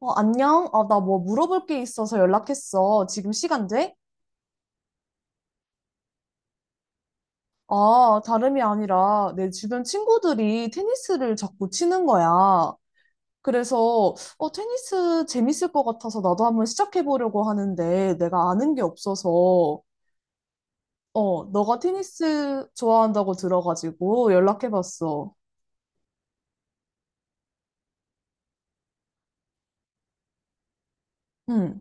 어, 안녕? 아, 나 뭐 물어볼 게 있어서 연락했어. 지금 시간 돼? 아, 다름이 아니라 내 주변 친구들이 테니스를 자꾸 치는 거야. 그래서, 어, 테니스 재밌을 것 같아서 나도 한번 시작해보려고 하는데 내가 아는 게 없어서, 어, 너가 테니스 좋아한다고 들어가지고 연락해봤어. 응.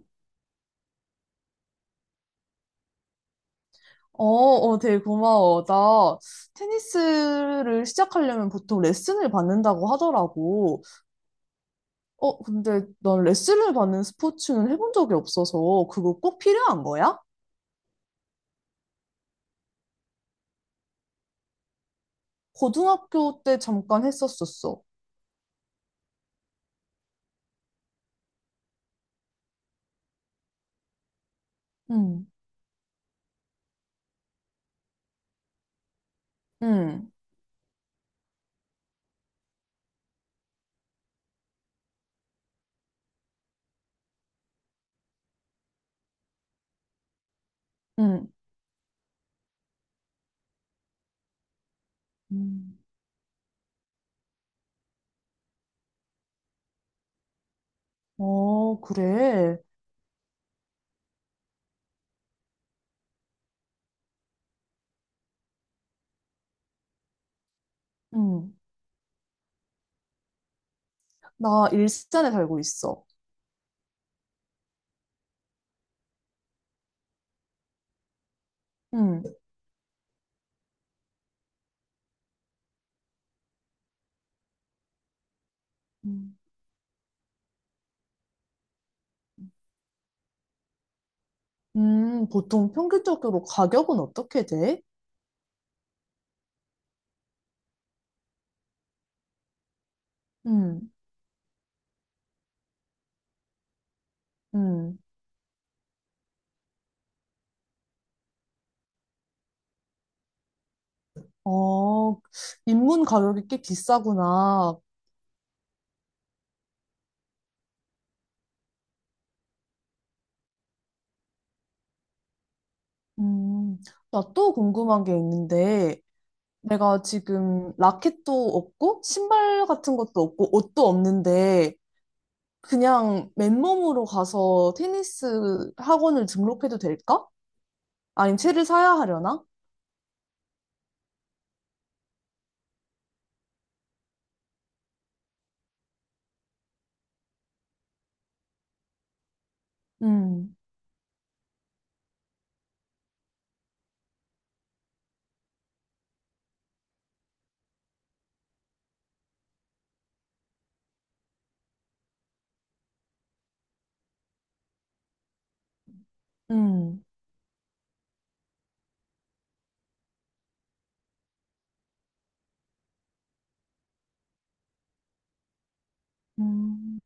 어, 어, 되게 고마워. 나 테니스를 시작하려면 보통 레슨을 받는다고 하더라고. 어, 근데 난 레슨을 받는 스포츠는 해본 적이 없어서 그거 꼭 필요한 거야? 고등학교 때 잠깐 했었었어. 응, 응, 응. 음. 어, 그래. 응. 나 일산에 살고 있어. 응. 음. 보통 평균적으로 가격은 어떻게 돼? 응 응 어, 입문 가격이 꽤 비싸구나. 음, 나 또 궁금한 게 있는데, 내가 지금 라켓도 없고 신발 같은 것도 없고 옷도 없는데 그냥 맨몸으로 가서 테니스 학원을 등록해도 될까? 아니면 채를 사야 하려나? 음, 음, 음.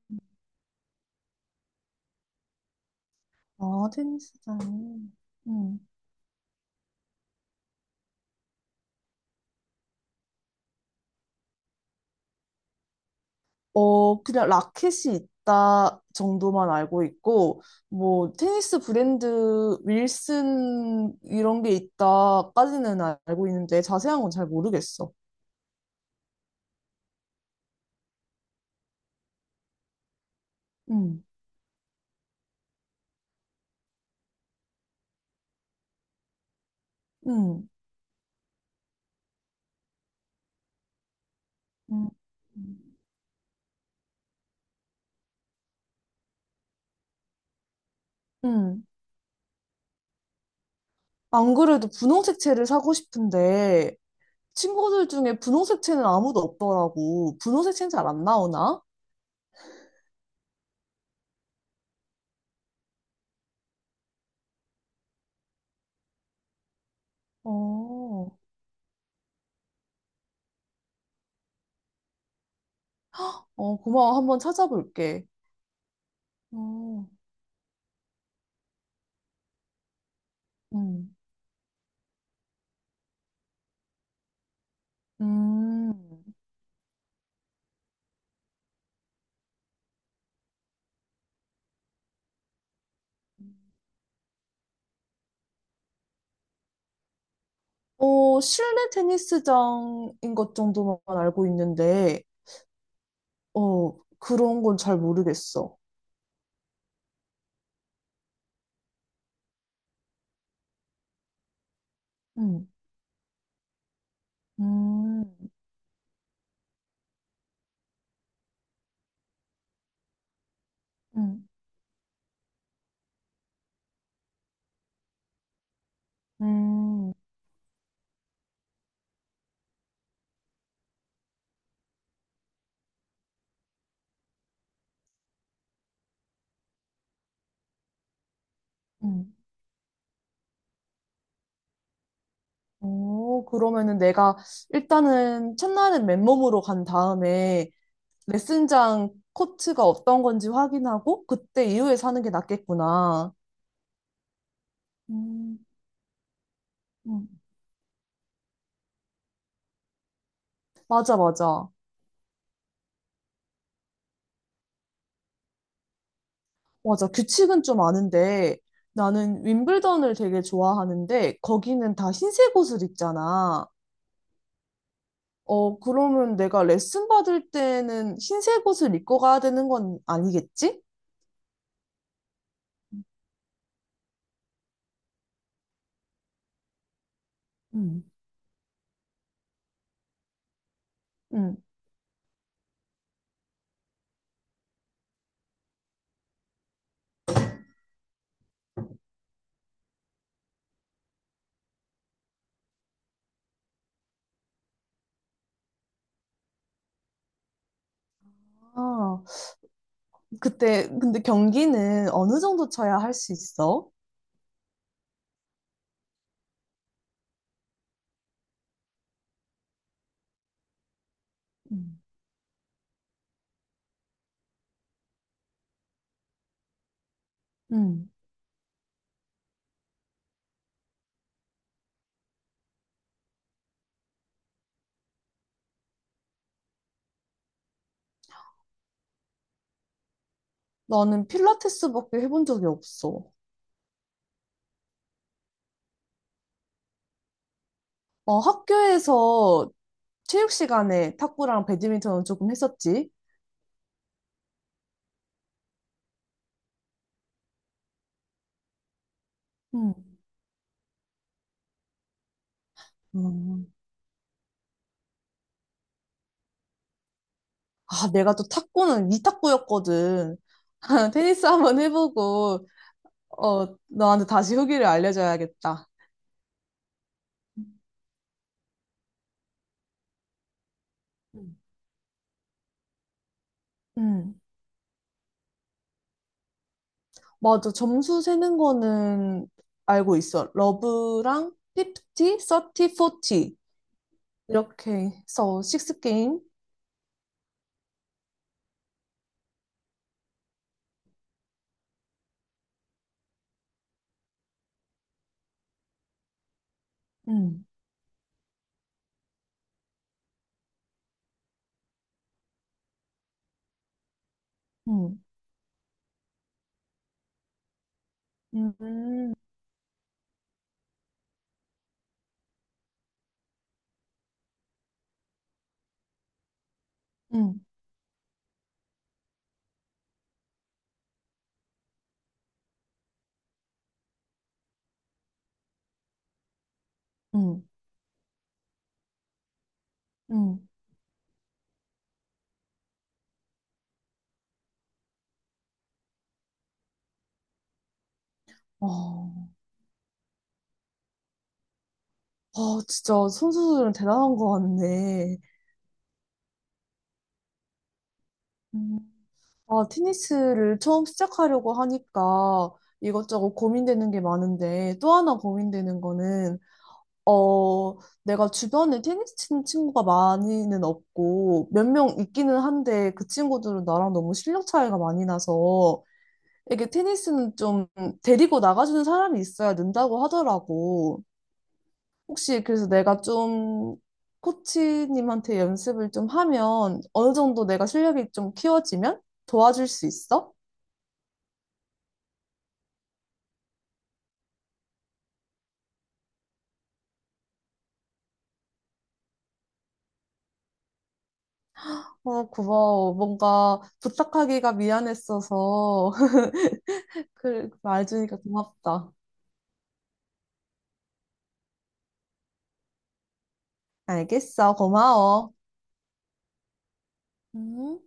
아, 테니스장. 음. 어, 그냥 라켓이 있다 정도만 알고 있고 뭐 테니스 브랜드 윌슨 이런 게 있다까지는 알고 있는데 자세한 건 잘 모르겠어. 음. 음. 음. 음. 안 그래도 분홍색 채를 사고 싶은데 친구들 중에 분홍색 채는 아무도 없더라고. 분홍색 채는 잘 안 나오나? 어, 어, 고마워. 한번 찾아볼게. 어, 음, 음. 어, 실내 테니스장인 것 정도만 알고 있는데, 어, 그런 건 잘 모르겠어. 음, 음, 음, 음, 음. 오, 그러면은 내가 일단은 첫날은 맨몸으로 간 다음에 레슨장 코트가 어떤 건지 확인하고 그때 이후에 사는 게 낫겠구나. 음, 음. 맞아, 맞아. 맞아. 규칙은 좀 아는데 나는 윈블던을 되게 좋아하는데 거기는 다 흰색 옷을 입잖아. 어, 그러면 내가 레슨 받을 때는 흰색 옷을 입고 가야 되는 건 아니겠지? 음. 응. 아. 그때 근데 경기는 어느 정도 쳐야 할 수 있어? 음. 음. 나는 필라테스밖에 해본 적이 없어. 어, 학교에서 체육 시간에 탁구랑 배드민턴은 조금 했었지. 음. 음. 아, 내가 또 탁구는 위탁구였거든. 테니스 한번 해보고, 어, 너한테 다시 후기를 알려줘야겠다. 음. 음. 맞아. 점수 세는 거는 알고 있어. 러브랑 50, 30, 40. 이렇게 해서 식스 게임. 음, 음, 음, 음, 음, 음. 어, 아, 진짜 선수들은 대단한 것 같네. 음. 아, 테니스를 처음 시작하려고 하니까 이것저것 고민되는 게 많은데 또 하나 고민되는 거는 어, 내가 주변에 테니스 치는 친구가 많이는 없고 몇 명 있기는 한데 그 친구들은 나랑 너무 실력 차이가 많이 나서 이게 테니스는 좀 데리고 나가주는 사람이 있어야 는다고 하더라고. 혹시 그래서 내가 좀 코치님한테 연습을 좀 하면 어느 정도 내가 실력이 좀 키워지면 도와줄 수 있어? 어, 고마워. 뭔가 부탁하기가 미안했어서. 그, 말 주니까 고맙다. 알겠어. 고마워. 음.